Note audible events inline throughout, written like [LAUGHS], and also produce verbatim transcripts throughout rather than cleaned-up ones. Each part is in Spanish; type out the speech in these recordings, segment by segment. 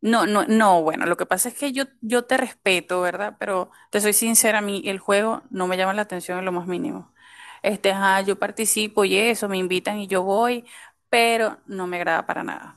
No, no, no, bueno, lo que pasa es que yo, yo te respeto, ¿verdad? Pero te soy sincera, a mí el juego no me llama la atención en lo más mínimo. Este, ajá, yo participo y eso, me invitan y yo voy, pero no me agrada para nada.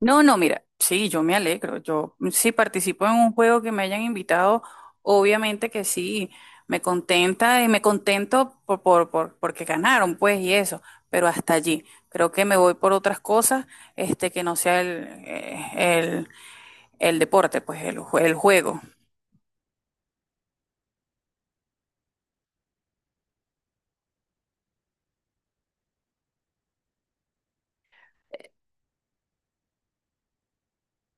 No, no, mira, sí, yo me alegro. Yo si participo en un juego que me hayan invitado, obviamente que sí, me contenta y me contento por, por, por, porque ganaron, pues, y eso, pero hasta allí. Creo que me voy por otras cosas, este, que no sea el, eh, el El deporte, pues el, jue- el juego.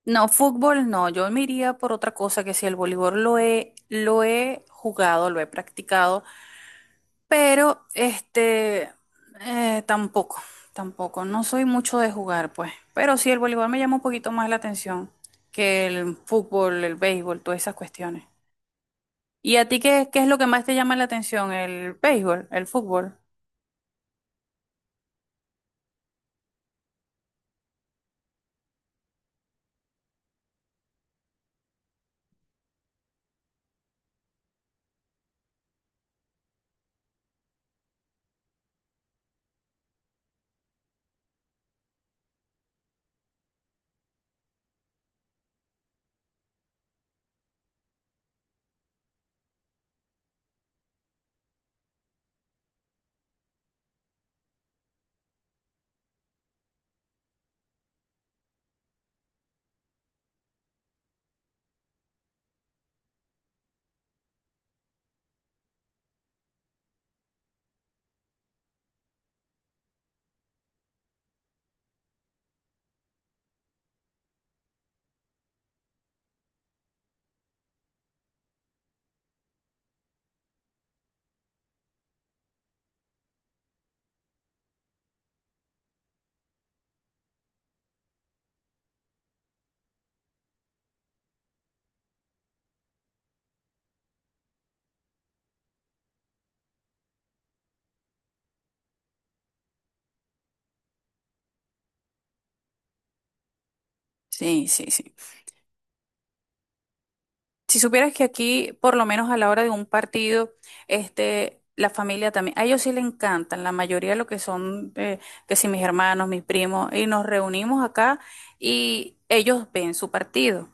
No, fútbol no, yo me iría por otra cosa que si el voleibol lo he, lo he jugado, lo he practicado, pero este eh, tampoco, tampoco, no soy mucho de jugar, pues. Pero sí, el voleibol me llama un poquito más la atención que el fútbol, el béisbol, todas esas cuestiones. ¿Y a ti qué, qué es lo que más te llama la atención? ¿El béisbol? ¿El fútbol? Sí, sí, sí. Si supieras que aquí, por lo menos a la hora de un partido, este, la familia también, a ellos sí le encantan, la mayoría de lo que son, eh, que si mis hermanos, mis primos, y nos reunimos acá y ellos ven su partido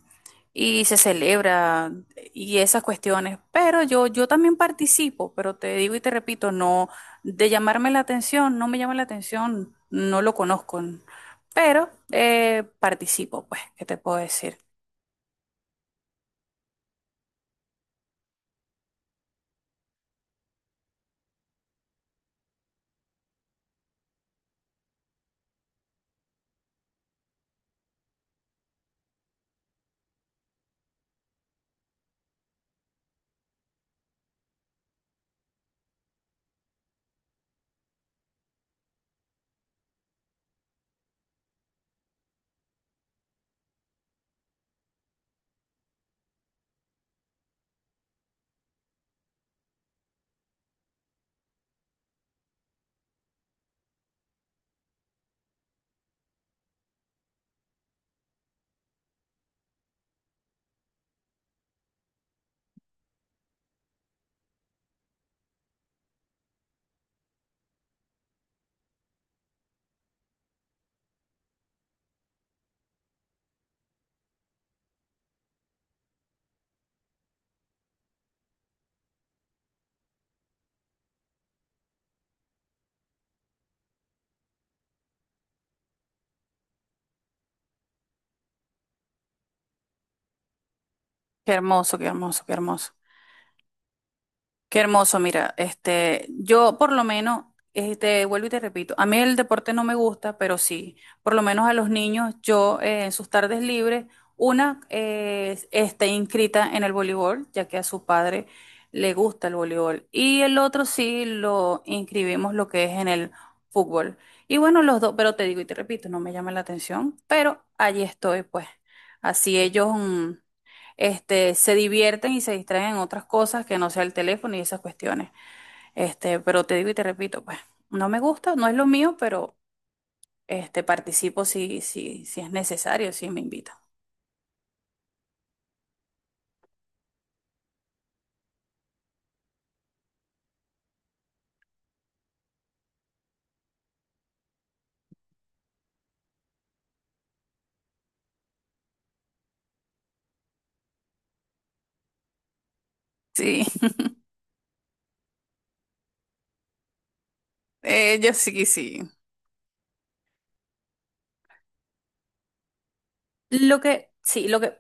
y se celebra y esas cuestiones. Pero yo, yo también participo, pero te digo y te repito, no, de llamarme la atención, no me llama la atención, no lo conozco, pero eh, participo, pues, ¿qué te puedo decir? Qué hermoso, qué hermoso, qué hermoso. Qué hermoso, mira, este, yo por lo menos, este, vuelvo y te repito, a mí el deporte no me gusta, pero sí, por lo menos a los niños, yo eh, en sus tardes libres, una eh, está inscrita en el voleibol, ya que a su padre le gusta el voleibol, y el otro sí lo inscribimos lo que es en el fútbol. Y bueno, los dos, pero te digo y te repito, no me llama la atención, pero allí estoy, pues, así ellos, mm, este, se divierten y se distraen en otras cosas que no sea el teléfono y esas cuestiones. Este, pero te digo y te repito, pues, no me gusta, no es lo mío, pero este, participo si, si, si es necesario, si me invitan. Sí, [LAUGHS] eh, yo sí, sí. Lo que, sí, lo que,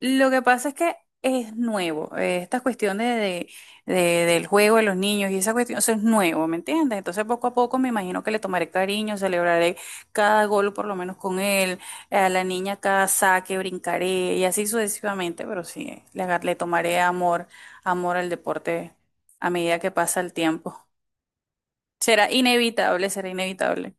lo que pasa es que es nuevo. Eh, esta cuestión de, de- de- del juego de los niños y esa cuestión, eso es nuevo, ¿me entiendes? Entonces poco a poco me imagino que le tomaré cariño, celebraré cada gol por lo menos con él, a la niña cada saque, brincaré y así sucesivamente, pero sí, le, aga- le tomaré amor, amor al deporte a medida que pasa el tiempo. Será inevitable, será inevitable.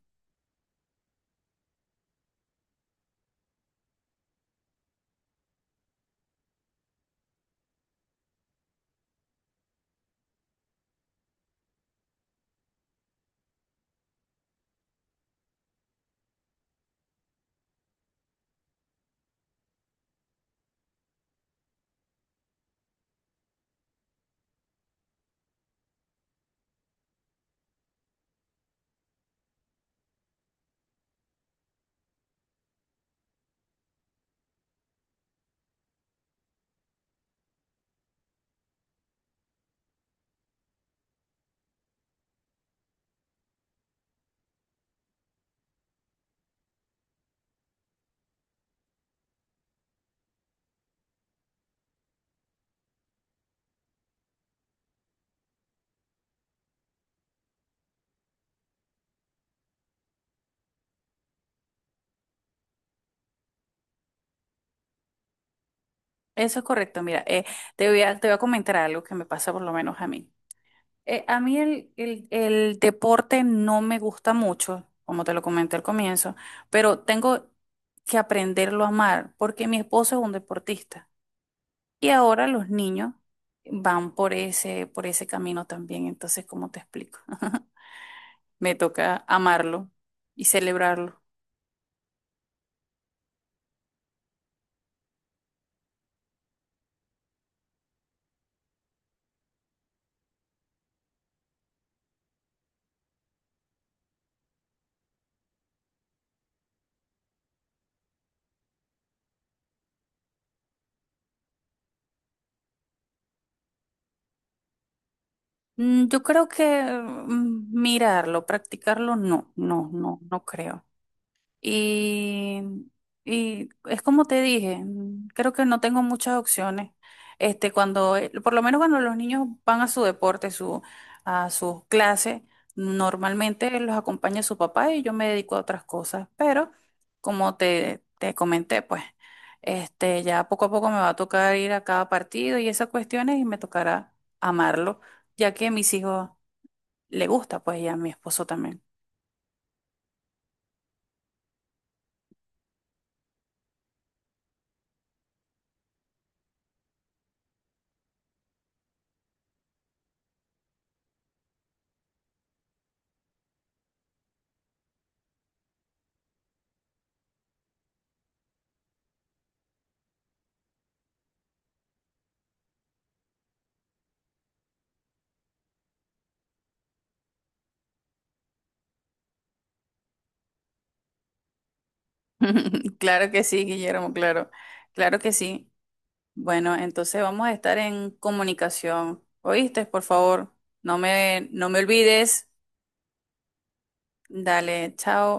Eso es correcto, mira, eh, te voy a, te voy a comentar algo que me pasa por lo menos a mí. Eh, a mí el, el- el deporte no me gusta mucho, como te lo comenté al comienzo, pero tengo que aprenderlo a amar porque mi esposo es un deportista y ahora los niños van por ese, por ese camino también. Entonces, ¿cómo te explico? [LAUGHS] Me toca amarlo y celebrarlo. Mm, yo creo que, mm, mirarlo, practicarlo, no, no, no, no creo. Y, y es como te dije, mm, creo que no tengo muchas opciones. Este, cuando, eh, por lo menos cuando los niños van a su deporte, su, a sus clases, normalmente los acompaña su papá y yo me dedico a otras cosas. Pero, como te, te comenté, pues, este, ya poco a poco me va a tocar ir a cada partido y esas cuestiones y me tocará amarlo, ya que a mis hijos le gusta, pues, y a mi esposo también. [LAUGHS] Claro que sí, Guillermo, claro, claro que sí. Bueno, entonces vamos a estar en comunicación. ¿Oíste? Por favor, no me, no me olvides. Dale, chao.